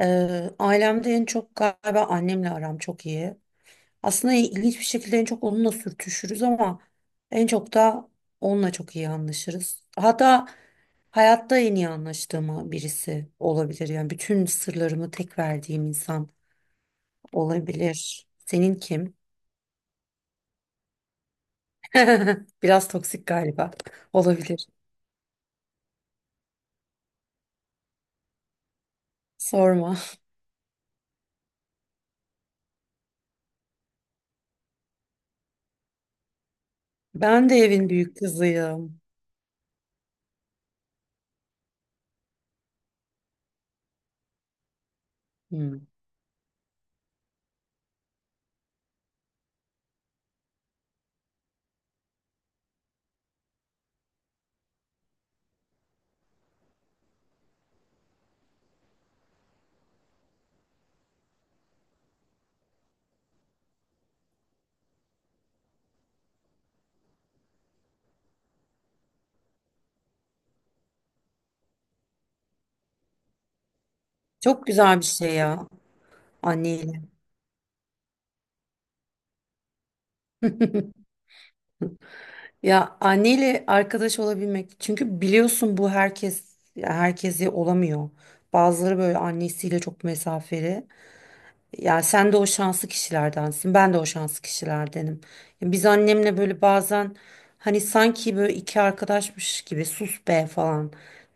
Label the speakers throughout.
Speaker 1: Ailemde en çok galiba annemle aram çok iyi. Aslında ilginç bir şekilde en çok onunla sürtüşürüz ama en çok da onunla çok iyi anlaşırız. Hatta hayatta en iyi anlaştığım birisi olabilir. Yani bütün sırlarımı tek verdiğim insan olabilir. Senin kim? Biraz toksik galiba. Olabilir. Sorma. Ben de evin büyük kızıyım. Hmm. Çok güzel bir şey ya. Anneyle. Ya anneyle arkadaş olabilmek. Çünkü biliyorsun bu herkes ya herkese olamıyor. Bazıları böyle annesiyle çok mesafeli. Ya sen de o şanslı kişilerdensin. Ben de o şanslı kişilerdenim. Ya biz annemle böyle bazen hani sanki böyle iki arkadaşmış gibi sus be falan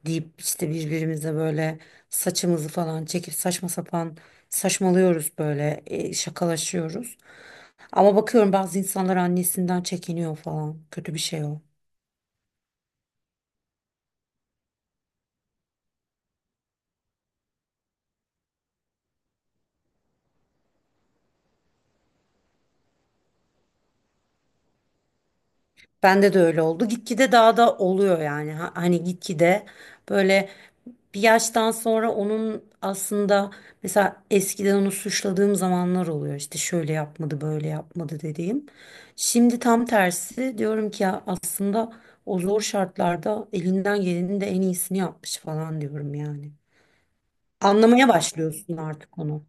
Speaker 1: deyip işte birbirimize böyle saçımızı falan çekip saçma sapan saçmalıyoruz böyle şakalaşıyoruz. Ama bakıyorum bazı insanlar annesinden çekiniyor falan. Kötü bir şey o. Bende de öyle oldu. Gitgide daha da oluyor yani. Hani gitgide böyle bir yaştan sonra onun aslında mesela eskiden onu suçladığım zamanlar oluyor. İşte şöyle yapmadı, böyle yapmadı dediğim. Şimdi tam tersi diyorum ki ya aslında o zor şartlarda elinden gelenin de en iyisini yapmış falan diyorum yani. Anlamaya başlıyorsun artık onu.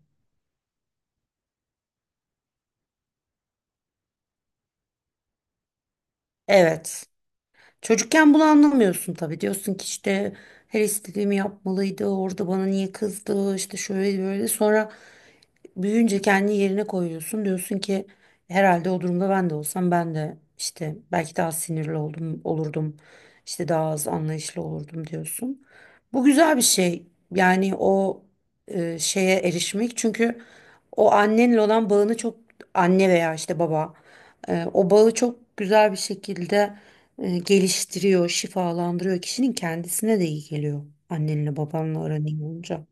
Speaker 1: Evet. Çocukken bunu anlamıyorsun tabii. Diyorsun ki işte her istediğimi yapmalıydı. Orada bana niye kızdı? İşte şöyle böyle. Sonra büyüyünce kendi yerine koyuyorsun. Diyorsun ki herhalde o durumda ben de olsam ben de işte belki daha sinirli oldum, olurdum. İşte daha az anlayışlı olurdum diyorsun. Bu güzel bir şey. Yani o şeye erişmek. Çünkü o annenle olan bağını çok anne veya işte baba o bağı çok güzel bir şekilde geliştiriyor, şifalandırıyor. Kişinin kendisine de iyi geliyor. Annenle babanla aran iyi olunca.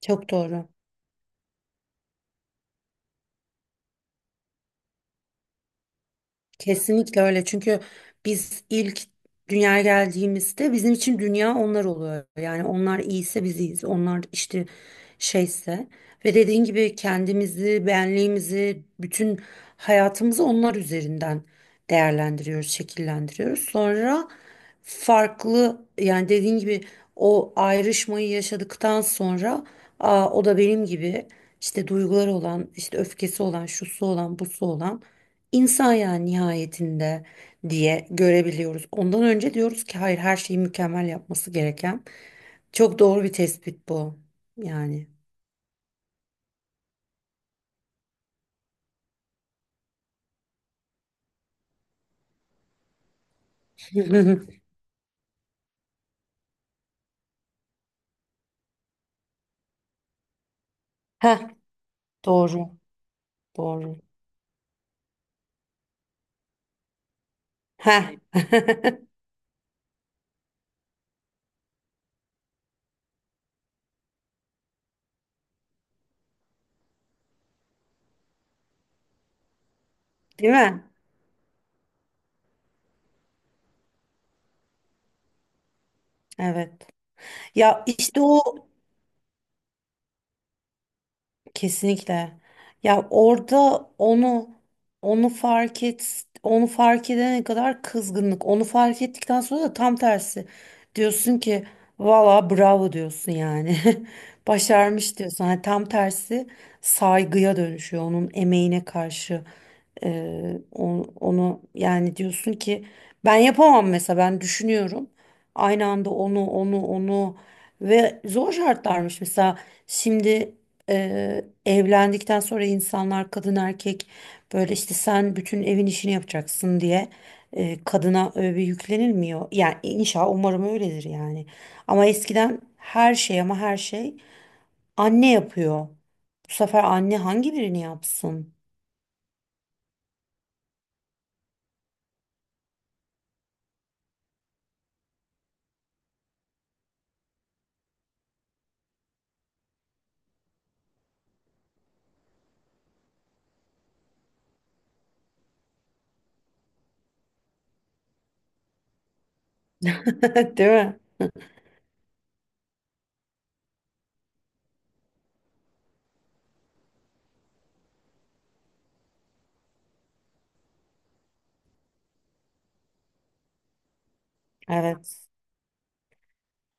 Speaker 1: Çok doğru. Kesinlikle öyle. Çünkü biz ilk dünyaya geldiğimizde bizim için dünya onlar oluyor. Yani onlar iyiyse biz iyiyiz. Onlar işte şeyse ve dediğin gibi kendimizi, benliğimizi, bütün hayatımızı onlar üzerinden değerlendiriyoruz, şekillendiriyoruz. Sonra farklı yani dediğin gibi o ayrışmayı yaşadıktan sonra aa, o da benim gibi işte duyguları olan, işte öfkesi olan, şusu olan, busu olan insan yani nihayetinde diye görebiliyoruz. Ondan önce diyoruz ki hayır her şeyi mükemmel yapması gereken. Çok doğru bir tespit bu. Yani. Ha doğru, doğru. Ha değil mi? Evet. Ya işte o kesinlikle. Ya orada onu onu fark et onu fark edene kadar kızgınlık. Onu fark ettikten sonra da tam tersi. Diyorsun ki valla bravo diyorsun yani. Başarmış diyorsun. Hani tam tersi saygıya dönüşüyor onun emeğine karşı. Onu yani diyorsun ki ben yapamam mesela ben düşünüyorum. Aynı anda onu ve zor şartlarmış mesela şimdi evlendikten sonra insanlar kadın erkek böyle işte sen bütün evin işini yapacaksın diye kadına öyle yüklenilmiyor. Yani inşallah umarım öyledir yani. Ama eskiden her şey ama her şey anne yapıyor. Bu sefer anne hangi birini yapsın? Değil mi? Evet.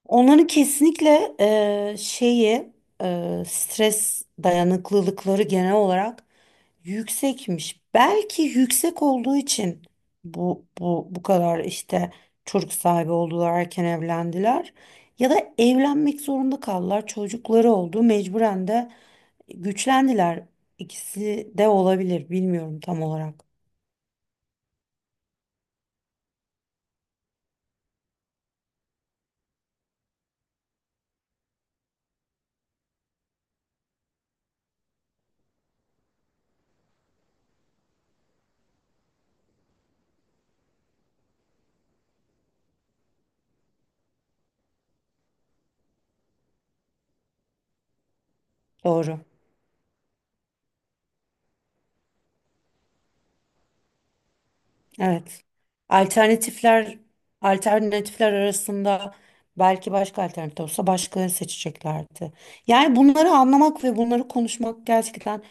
Speaker 1: Onların kesinlikle şeyi stres dayanıklılıkları genel olarak yüksekmiş. Belki yüksek olduğu için bu kadar işte çocuk sahibi oldular, erken evlendiler ya da evlenmek zorunda kaldılar. Çocukları oldu, mecburen de güçlendiler. İkisi de olabilir, bilmiyorum tam olarak. Doğru. Evet. Alternatifler alternatifler arasında belki başka alternatif olsa başka seçeceklerdi. Yani bunları anlamak ve bunları konuşmak gerçekten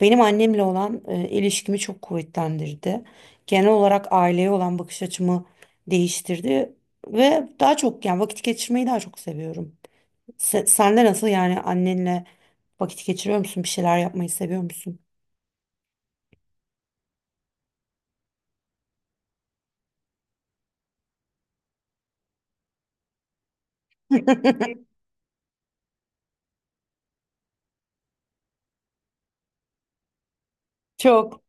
Speaker 1: benim annemle olan ilişkimi çok kuvvetlendirdi. Genel olarak aileye olan bakış açımı değiştirdi ve daha çok yani vakit geçirmeyi daha çok seviyorum. Sen de nasıl yani annenle vakit geçiriyor musun? Bir şeyler yapmayı seviyor musun? Çok.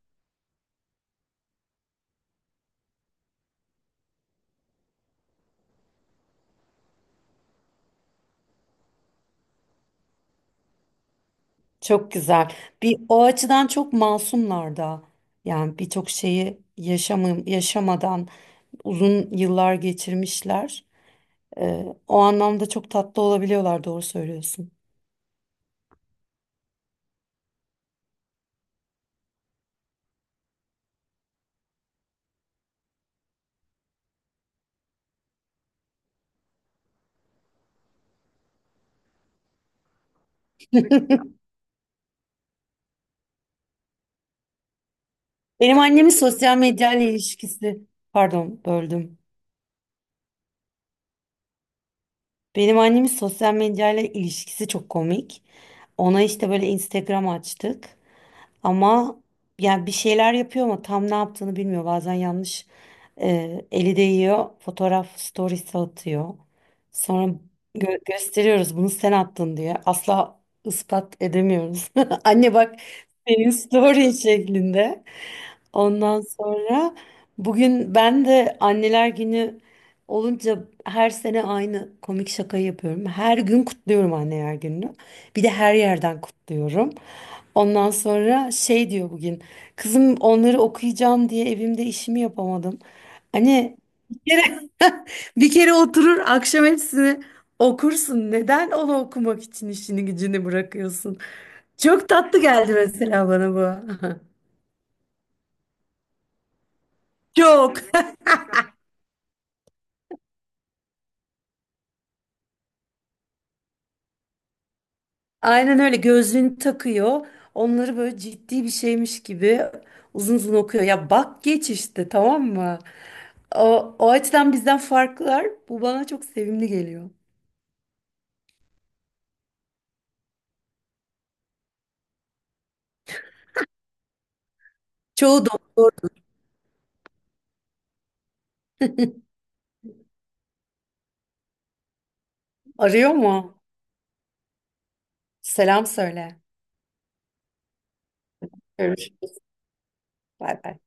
Speaker 1: Çok güzel. Bir o açıdan çok masumlar da. Yani birçok şeyi yaşamı, yaşamadan uzun yıllar geçirmişler. O anlamda çok tatlı olabiliyorlar, doğru söylüyorsun. Benim annemin sosyal medyayla ilişkisi, pardon böldüm. Benim annemin sosyal medyayla ilişkisi çok komik. Ona işte böyle Instagram açtık. Ama yani bir şeyler yapıyor ama tam ne yaptığını bilmiyor. Bazen yanlış eli değiyor. Fotoğraf storiesi atıyor. Sonra gösteriyoruz bunu sen attın diye. Asla ispat edemiyoruz. Anne bak senin story şeklinde. Ondan sonra bugün ben de anneler günü olunca her sene aynı komik şakayı yapıyorum. Her gün kutluyorum anneler gününü. Bir de her yerden kutluyorum. Ondan sonra şey diyor bugün. Kızım onları okuyacağım diye evimde işimi yapamadım. Hani bir kere, bir kere oturur akşam hepsini okursun. Neden onu okumak için işini gücünü bırakıyorsun? Çok tatlı geldi mesela bana bu. Çok. Aynen öyle gözlüğünü takıyor. Onları böyle ciddi bir şeymiş gibi uzun uzun okuyor. Ya bak geç işte tamam mı? O, o açıdan bizden farklılar. Bu bana çok sevimli geliyor. Çoğu doktor. Arıyor mu? Selam söyle. Görüşürüz. Bay bay.